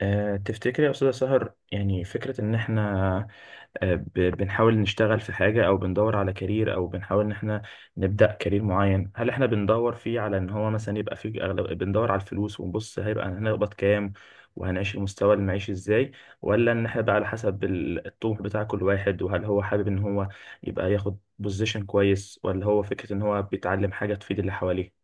تفتكري يا أستاذة سهر، يعني فكرة إن إحنا بنحاول نشتغل في حاجة أو بندور على كارير، أو بنحاول إن إحنا نبدأ كارير معين؟ هل إحنا بندور فيه على إن هو مثلا يبقى فيه أغلب بندور على الفلوس ونبص هيبقى هنقبض كام وهنعيش المستوى المعيشي إزاي؟ ولا إن إحنا بقى على حسب الطموح بتاع كل واحد، وهل هو حابب إن هو يبقى ياخد بوزيشن كويس، ولا هو فكرة إن هو بيتعلم حاجة تفيد اللي حواليه؟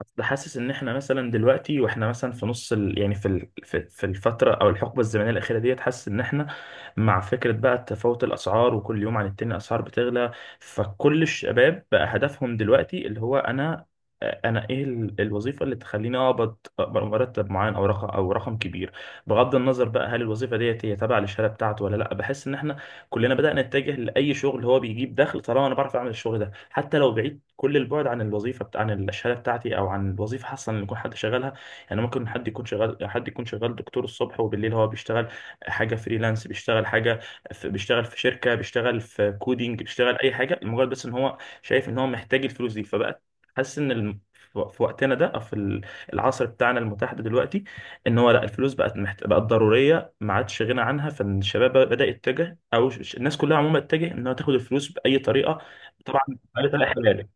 أصل حاسس ان احنا مثلا دلوقتي واحنا مثلا في نص ال... يعني في ال... في الفتره او الحقبه الزمنيه الاخيره ديت، حاسس ان احنا مع فكره بقى تفاوت الاسعار وكل يوم عن التاني الاسعار بتغلى، فكل الشباب بقى هدفهم دلوقتي اللي هو انا، الوظيفه اللي تخليني اقبض، أقبض مرتب معين او رقم او رقم كبير، بغض النظر بقى هل الوظيفه ديت هي تابعه للشهاده بتاعته ولا لا. بحس ان احنا كلنا بدأنا نتجه لاي شغل هو بيجيب دخل طالما انا بعرف اعمل الشغل ده، حتى لو بعيد كل البعد عن الوظيفه بتاع عن الشهاده بتاعتي او عن الوظيفه حصل ان يكون حد شغالها. يعني ممكن حد يكون شغال، حد يكون شغال دكتور الصبح وبالليل هو بيشتغل حاجه فريلانس، بيشتغل حاجه في بيشتغل في شركه، بيشتغل في كودينج، بيشتغل اي حاجه، مجرد بس ان هو شايف ان هو محتاج الفلوس دي. فبقى حاسس ان في وقتنا ده او في العصر بتاعنا المتاح ده دلوقتي، ان هو لا، الفلوس بقت محت... بقت ضروريه، ما عادش غنى عنها، فالشباب بدا يتجه او ش- الناس كلها عموما اتجه انها تاخد الفلوس باي طريقه. طبعا. عارف الاقي حلالي.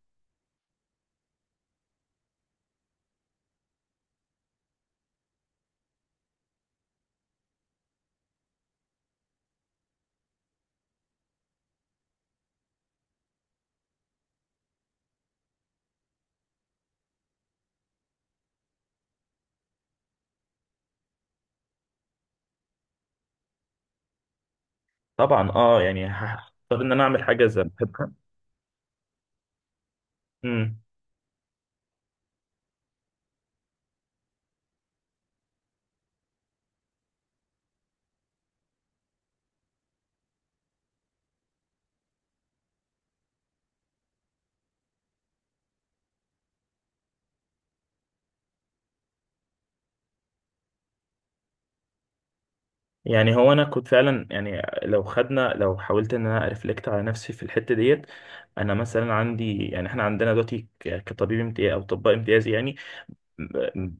طبعا اه، يعني هختار ان انا اعمل حاجه زي ما بحبها. امم يعني هو انا كنت فعلا، يعني لو خدنا، لو حاولت ان انا ريفلكت على نفسي في الحته ديت، انا مثلا عندي، يعني احنا عندنا دلوقتي كطبيب امتياز او طباء امتياز يعني،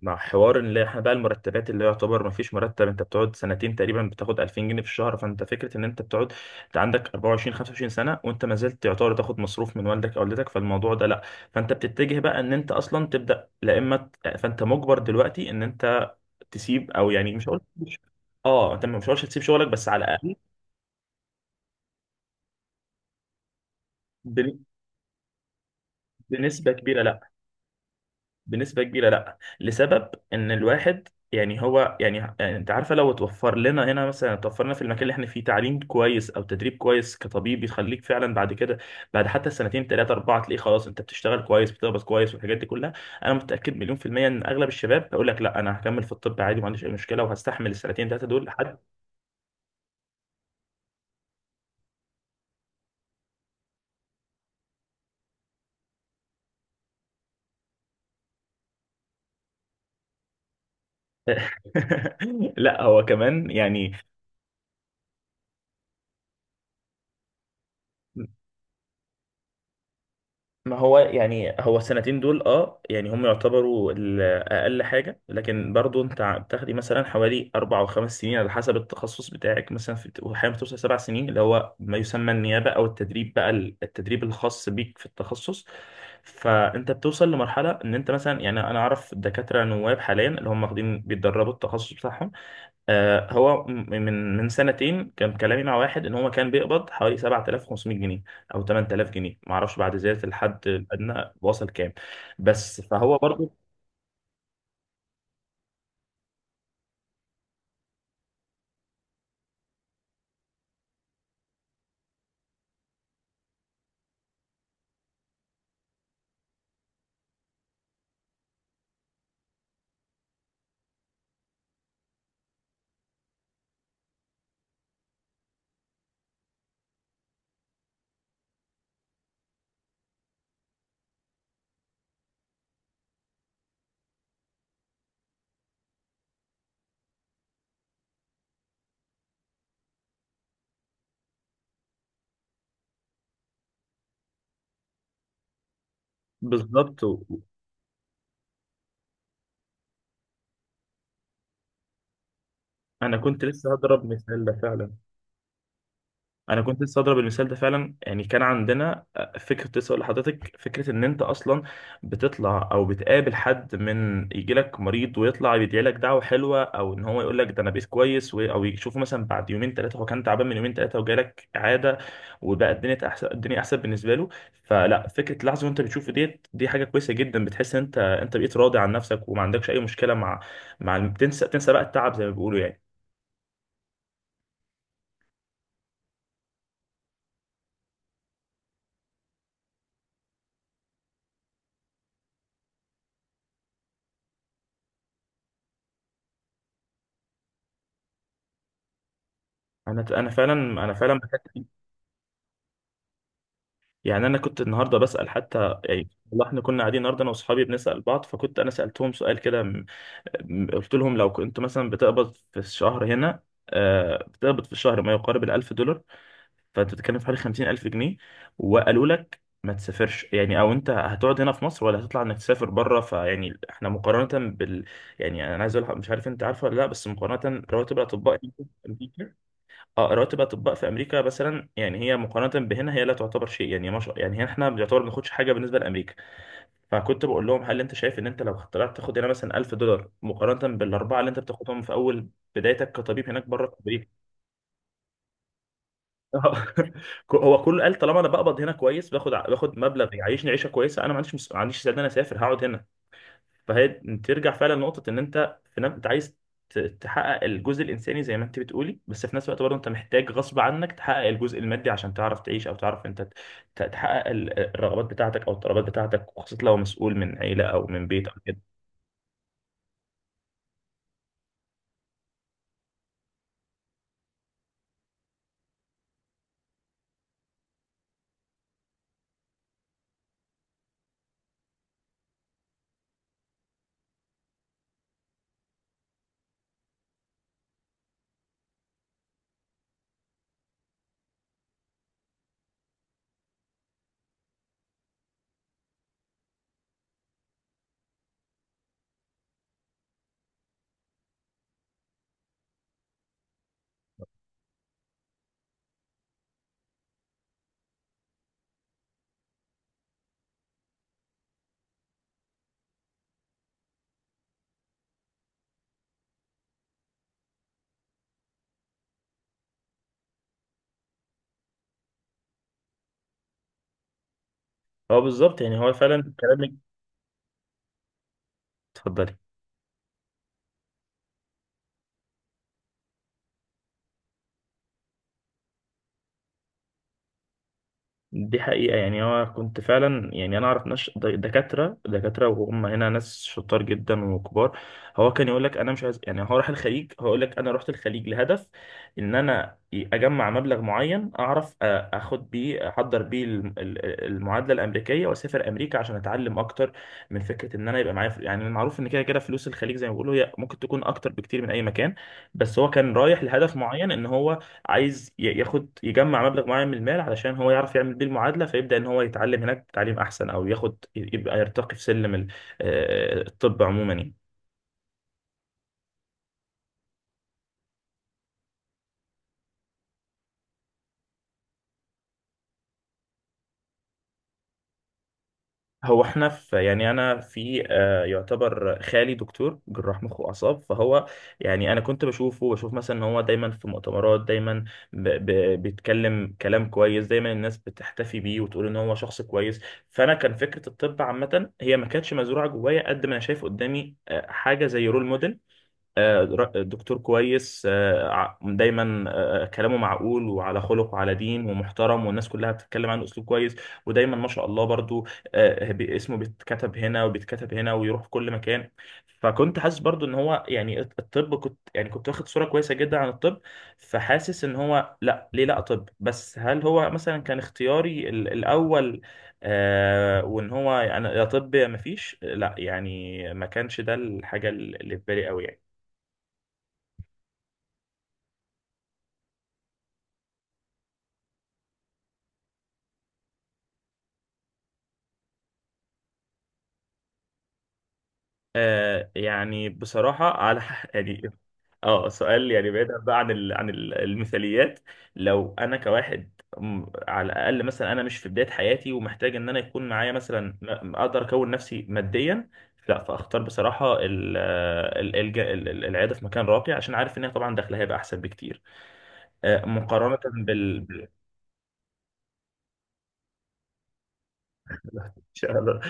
مع حوار اللي احنا بقى المرتبات اللي يعتبر ما فيش مرتب، انت بتقعد سنتين تقريبا بتاخد 2000 جنيه في الشهر، فانت فكره ان انت بتقعد انت عندك 24 25 سنه وانت ما زلت يعتبر تاخد مصروف من والدك او والدتك، فالموضوع ده لا. فانت بتتجه بقى ان انت اصلا تبدا، لا اما ت-، فانت مجبر دلوقتي ان انت تسيب، او يعني مش هقول مش-، اه انت مش هقولش تسيب شغلك، بس على الاقل بن-، بنسبه كبيره لا. بنسبة كبيرة لا، لسبب ان الواحد يعني هو يعني يعني انت عارفة، لو اتوفر لنا هنا مثلا، اتوفر لنا في المكان اللي احنا فيه تعليم كويس او تدريب كويس كطبيب يخليك فعلا بعد كده، بعد حتى سنتين ثلاثة أربعة تلاقيه خلاص انت بتشتغل كويس، بتقبض كويس والحاجات دي كلها، انا متأكد مليون في المية ان اغلب الشباب هيقول لك لا انا هكمل في الطب عادي ما عنديش اي مشكلة، وهستحمل السنتين ثلاثة دول لحد. لا، هو كمان يعني، ما هو يعني هو السنتين دول اه يعني هم يعتبروا اقل حاجه، لكن برضو انت ع- بتاخدي مثلا حوالي اربع او خمس سنين على حسب التخصص بتاعك، مثلا في احيانا بتوصل سبع سنين، اللي هو ما يسمى النيابه او التدريب بقى التدريب الخاص بيك في التخصص. فانت بتوصل لمرحله ان انت مثلا، يعني انا اعرف دكاتره نواب حاليا اللي هم واخدين بيتدربوا التخصص بتاعهم. هو م- من سنتين كان كلامي مع واحد ان هو كان بيقبض حوالي 7500 جنيه او 8000 جنيه، ما اعرفش بعد زياده الحد الادنى وصل كام، بس فهو برضو. بالظبط. و- انا كنت لسه هضرب مثال ده فعلا. انا كنت لسه اضرب المثال ده فعلا، يعني كان عندنا فكره، كنت لسه اقول لحضرتك فكره ان انت اصلا بتطلع او بتقابل حد، من يجي لك مريض ويطلع يدعي لك دعوه حلوه، او ان هو يقول لك ده انا بقيت كويس، و- او يشوفه مثلا بعد يومين ثلاثه، هو كان تعبان من يومين ثلاثه وجالك اعاده وبقى الدنيا احسن، الدنيا احسن بالنسبه له، فلا فكره لحظه وانت بتشوف ديت دي حاجه كويسه جدا، بتحس ان انت انت بقيت راضي عن نفسك وما عندكش اي مشكله مع مع الم-، تنسى بقى التعب زي ما بيقولوا يعني. انا فعلا، انا فعلا يعني، انا كنت النهارده بسال حتى، يعني والله احنا كنا قاعدين النهارده انا واصحابي بنسال بعض، فكنت انا سالتهم سؤال كده م-، م- قلت لهم لو كنت مثلا بتقبض في الشهر هنا، بتقبض في الشهر ما يقارب الألف دولار، فأنت بتتكلم في حوالي 50,000 جنيه، وقالوا لك ما تسافرش يعني، أو أنت هتقعد هنا في مصر ولا هتطلع إنك تسافر بره؟ فيعني إحنا مقارنة بال، يعني أنا عايز أقول لك-، مش عارف أنت عارفه ولا لأ، بس مقارنة رواتب الأطباء هنا في أمريكا. اه رواتب الاطباء في امريكا مثلا يعني، هي مقارنه بهنا هي لا تعتبر شيء يعني، ما شاء يعني، هنا احنا بنعتبر ما بناخدش حاجه بالنسبه لامريكا. فكنت بقول لهم هل انت شايف ان انت لو طلعت تاخد هنا مثلا 1000 دولار مقارنه بالاربعه اللي انت بتاخدهم في اول بدايتك كطبيب هناك بره في امريكا؟ آه. هو كله قال طالما انا بقبض هنا كويس، باخد، باخد مبلغ يعيشني عيشه كويسه، انا ما عنديش مس... ما عنديش استعداد إن انا اسافر، هقعد هنا. فهي ترجع فعلا لنقطة إن أنت في نفس أنت عايز ت- تحقق الجزء الإنساني زي ما أنت بتقولي، بس في نفس الوقت برضه أنت محتاج غصب عنك تحقق الجزء المادي عشان تعرف تعيش، أو تعرف أنت ت- تحقق الرغبات بتاعتك أو الطلبات بتاعتك، وخاصة لو مسؤول من عيلة أو من بيت أو كده. هو بالظبط، يعني هو فعلا كلامك. اتفضلي. دي حقيقة، يعني أنا كنت فعلا يعني، أنا أعرف ناس د- دكاترة وهم هنا ناس شطار جدا وكبار، هو كان يقول لك أنا مش عايز، يعني هو راح الخليج، هو يقول لك أنا رحت الخليج لهدف إن أنا أجمع مبلغ معين أعرف أ- أخد بيه أحضر بيه الم- المعادلة الأمريكية وأسافر أمريكا عشان أتعلم أكتر، من فكرة إن أنا يبقى معايا فل- يعني معروف إن كده كده فلوس الخليج زي ما بيقولوا هي ممكن تكون أكتر بكتير من أي مكان. بس هو كان رايح لهدف معين إن هو عايز ي- ياخد يجمع مبلغ معين من المال علشان هو يعرف يعمل بيه المعادلة، فيبدأ ان هو يتعلم هناك تعليم احسن، او ياخد يبقى يرتقي في سلم الطب عموما يعني. هو احنا في، يعني انا في يعتبر خالي دكتور جراح مخ واعصاب، فهو يعني انا كنت بشوفه، بشوف مثلا ان هو دايما في مؤتمرات، دايما ب بيتكلم كلام كويس، دايما الناس بتحتفي بيه وتقول ان هو شخص كويس، فانا كان فكره الطب عامه هي ما كانتش مزروعه جوايا قد ما انا شايف قدامي حاجه زي رول موديل، در- دكتور كويس، آه، ع- دايما آه، آه، كلامه معقول وعلى خلق وعلى دين ومحترم والناس كلها بتتكلم عنه اسلوب كويس، ودايما ما شاء الله برضو ب- اسمه بيتكتب هنا وبيتكتب هنا ويروح في كل مكان. فكنت حاسس برضو ان هو يعني الط- الطب، كنت يعني كنت واخد صورة كويسة جدا عن الطب، فحاسس ان هو لا ليه لا طب، بس هل هو مثلا كان اختياري الاول؟ آه، وان هو يعني يا طب يا مفيش لا، يعني ما كانش ده الحاجة اللي في بالي قوي يعني. آه يعني بصراحة على ح- يعني، اه سؤال يعني بعيد بقى عن ال... عن المثاليات، لو انا كواحد م- على الاقل مثلا انا مش في بداية حياتي ومحتاج ان انا يكون معايا مثلا م- اقدر اكون نفسي ماديا، لا فاختار بصراحة ال... ال... الج... ال... العيادة في مكان راقي، عشان عارف ان هي طبعا دخلها هيبقى احسن بكتير، آه مقارنة بال بال-. إن شاء الله.